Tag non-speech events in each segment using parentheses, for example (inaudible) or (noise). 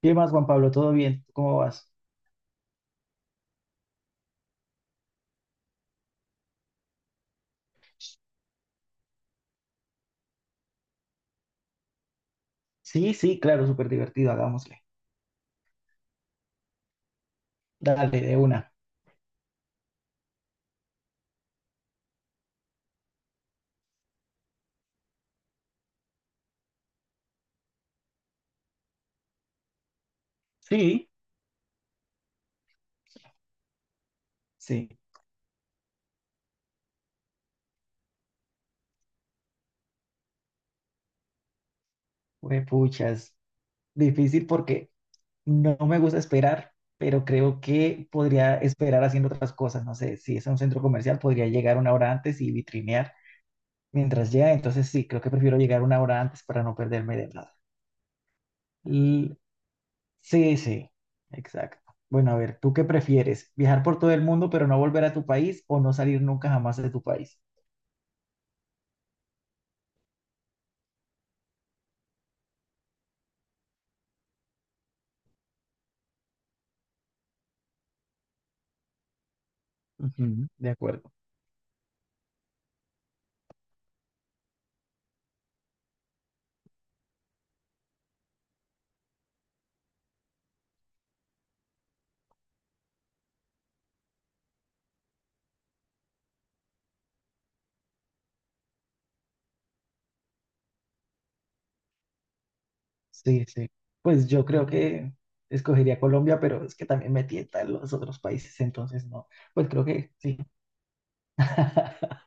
¿Qué más, Juan Pablo? ¿Todo bien? ¿Cómo vas? Sí, sí, claro, súper divertido, hagámosle. Dale, de una. Sí, sí. Puchas. Difícil porque no me gusta esperar, pero creo que podría esperar haciendo otras cosas. No sé, si es a un centro comercial, podría llegar una hora antes y vitrinear mientras llega. Entonces, sí, creo que prefiero llegar una hora antes para no perderme de nada. L- sí, sí, exacto. Bueno, a ver, ¿tú qué prefieres? ¿Viajar por todo el mundo pero no volver a tu país o no salir nunca jamás de tu país? Ujú, de acuerdo. Sí, sí. Pues yo creo que escogería Colombia, pero es que también me tientan los otros países, entonces no. Pues creo que sí. (laughs)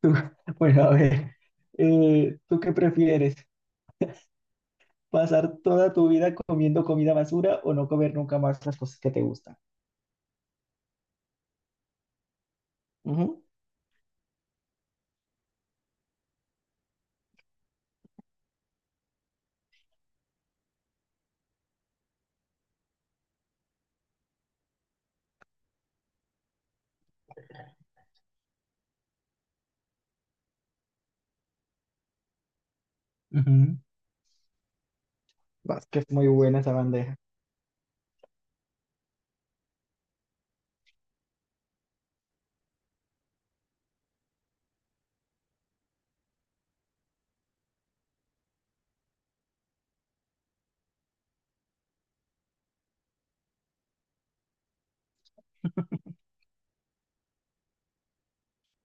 Tú- bueno, a ver, ¿tú qué prefieres? ¿Pasar toda tu vida comiendo comida basura o no comer nunca más las cosas que te gustan? Ujú. Ujú. Vas, que es muy buena esa bandeja.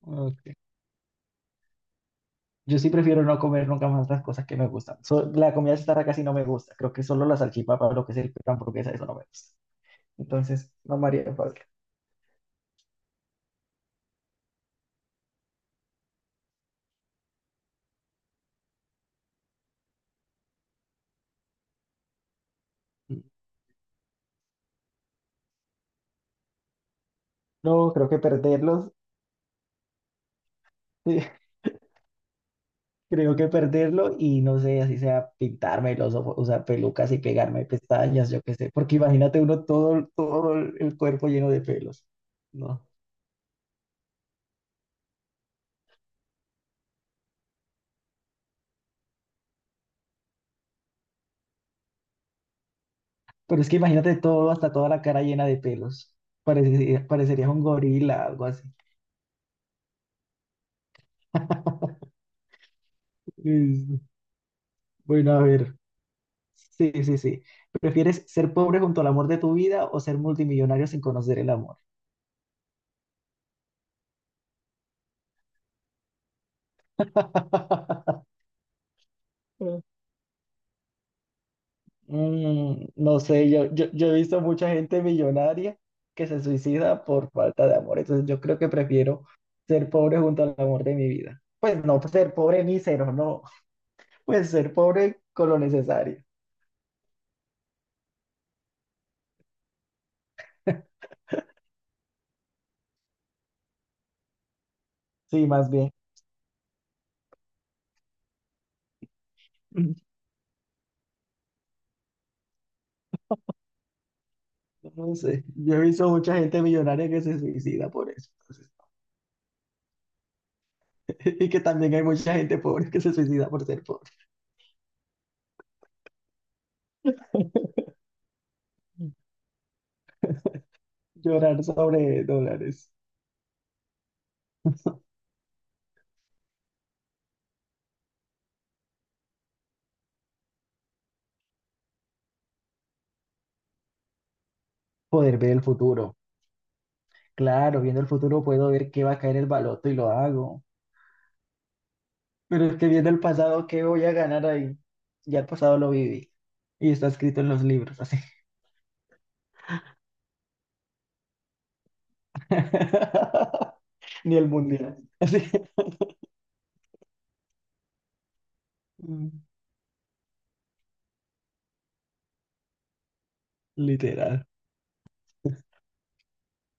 Ok. Yo sí prefiero no comer nunca más las cosas que me gustan. La comida chatarra casi no me gusta. Creo que solo la salchipapa, lo que es el pan, hamburguesa, eso no me gusta. Entonces, no me haría fácil. No, creo que perderlos, sí, (laughs) creo que perderlo y no sé, así sea pintarme los ojos, usar pelucas y pegarme pestañas, yo qué sé, porque imagínate uno todo, todo el cuerpo lleno de pelos, ¿no? Pero es que imagínate todo, hasta toda la cara llena de pelos, parecería, parecería un gorila, algo así. (laughs) Es- Bueno, a ver, sí, sí, sí. ¿Prefieres ser pobre junto al amor de tu vida o ser multimillonario sin conocer el amor? (laughs) No sé, yo he visto mucha gente millonaria que se suicida por falta de amor, entonces yo creo que prefiero ser pobre junto al amor de mi vida. Pues no pues, ser pobre mísero, no, (laughs) pues ser pobre con lo necesario. Sí, más bien. Mm, no sé, yo he visto mucha gente millonaria que se suicida por eso, entonces, (laughs) y que también hay mucha gente pobre que se suicida por ser pobre. (laughs) Llorar sobre dólares. Poder ver el futuro. Claro, viendo el futuro puedo ver qué va a caer el baloto y lo hago. Pero es que viendo el pasado, ¿qué voy a ganar ahí? Ya el pasado lo viví. Y está escrito en los libros, así. (laughs) Ni el mundial. (laughs) Así. Mm, literal.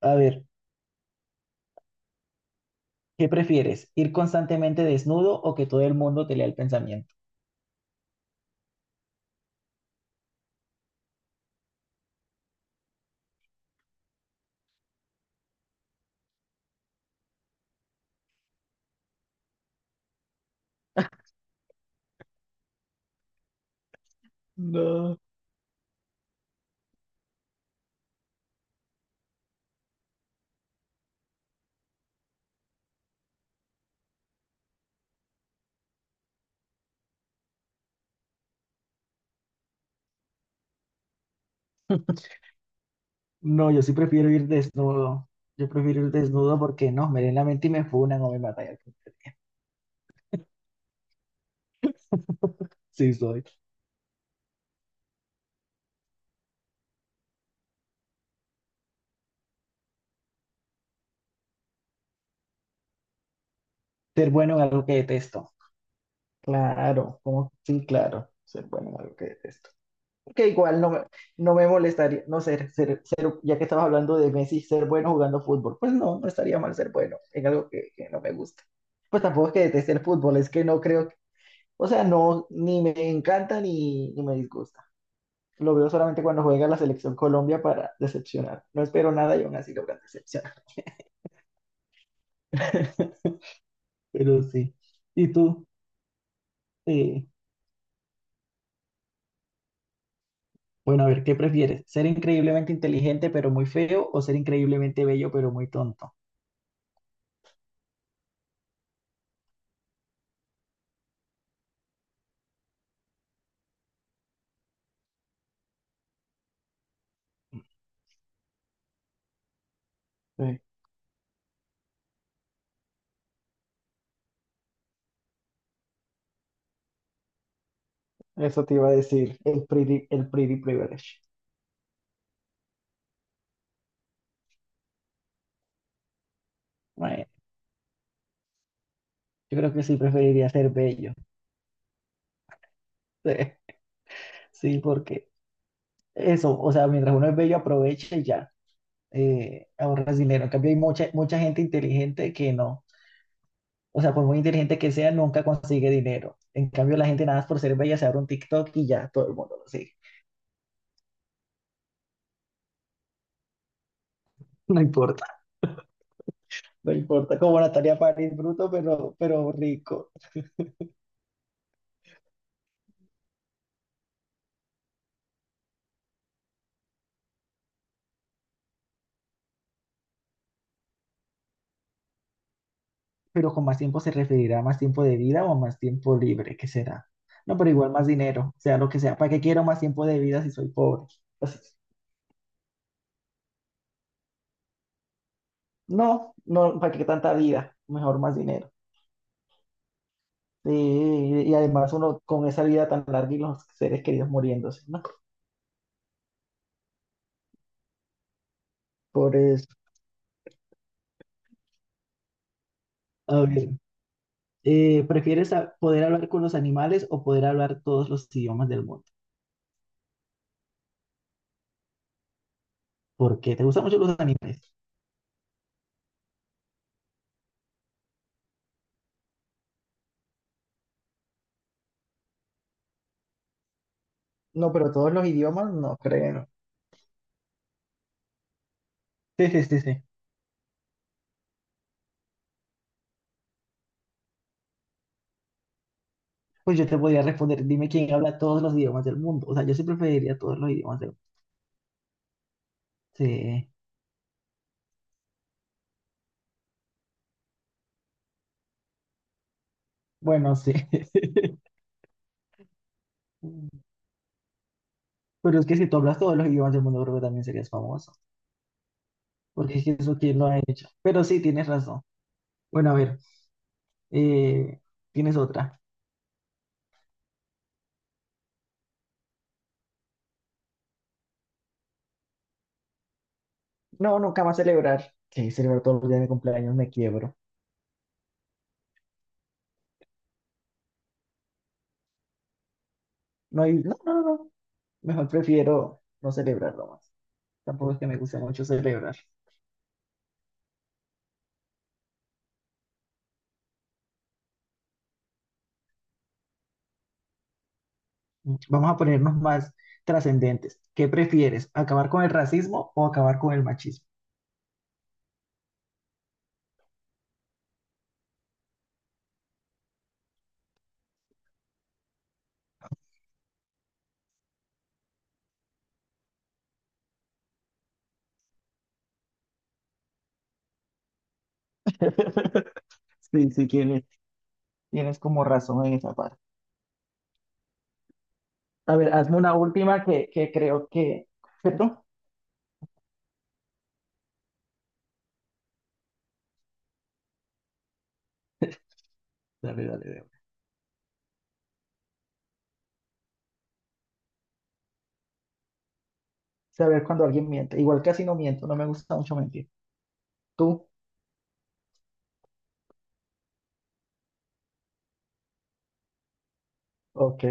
A ver, ¿qué prefieres? ¿Ir constantemente desnudo o que todo el mundo te lea el pensamiento? No. (laughs) No, yo sí prefiero ir desnudo. Yo prefiero ir desnudo porque no, me leen la mente y me funan o me matan. (laughs) Sí, soy. Ser bueno en algo que detesto. Claro, como Sí, claro. Ser bueno en algo que detesto. Que igual no me, no me molestaría, no ser, ser, ser- ya que estabas hablando de Messi, ser bueno jugando fútbol, pues no, no estaría mal ser bueno en algo que no me gusta. Pues tampoco es que deteste el fútbol, es que no creo, que- o sea, no, ni me encanta ni, ni me disgusta. Lo veo solamente cuando juega la selección Colombia para decepcionar. No espero nada y aún así logran decepcionar. (laughs) Pero sí. ¿Y tú? Eh, bueno, a ver, ¿qué prefieres? ¿Ser increíblemente inteligente pero muy feo o ser increíblemente bello pero muy tonto? Eso te iba a decir, el pretty privilege. Bueno, yo creo que sí preferiría ser bello. (laughs) Sí, porque eso, o sea, mientras uno es bello, aprovecha y ya, ahorras dinero. En cambio, hay mucha, mucha gente inteligente que no. O sea, por muy inteligente que sea, nunca consigue dinero. En cambio, la gente nada más por ser bella se abre un TikTok y ya todo el mundo lo sigue. (laughs) No importa, no importa. Como Natalia París, bruto, pero rico. Pero con más tiempo se referirá a más tiempo de vida o a más tiempo libre, ¿qué será? No, pero igual más dinero, sea lo que sea. ¿Para qué quiero más tiempo de vida si soy pobre? Así, no, no, ¿para qué tanta vida? Mejor más dinero. Y además uno con esa vida tan larga y los seres queridos muriéndose, ¿no? Por eso. A ver, ¿prefieres poder hablar con los animales o poder hablar todos los idiomas del mundo? ¿Por qué? ¿Te gustan mucho los animales? No, pero todos los idiomas no creo. Sí, sí, sí, sí. Pues yo te podría responder, dime quién habla todos los idiomas del mundo. O sea, yo siempre preferiría todos los idiomas del mundo. Sí, bueno, sí. (laughs) Pero es que si tú hablas todos los idiomas del mundo, creo que también serías famoso. Porque es que eso quién lo ha hecho. Pero sí, tienes razón. Bueno, a ver, eh, tienes otra. No, nunca más celebrar. Que celebrar todos los días de mi cumpleaños me quiebro. No, no, no, no. No. Mejor prefiero no celebrarlo más. Tampoco es que me guste mucho celebrar. Vamos a ponernos más trascendentes. ¿Qué prefieres? ¿Acabar con el racismo o acabar con el machismo? (laughs) Sí, sí, tienes, tienes como razón en esa parte. A ver, hazme una última que creo que... ¿Cierto? Dale, dale, dale. Saber cuando alguien miente. Igual casi no miento, no me gusta mucho mentir. ¿Tú? Ok.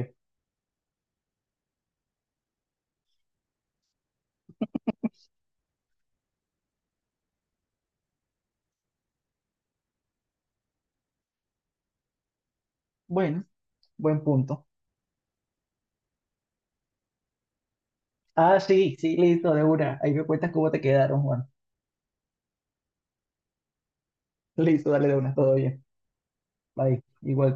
Bueno, buen punto. Ah, sí, sí, listo, de una. Ahí me cuentas cómo te quedaron, Juan. Listo, dale de una, todo bien. Bye, igual.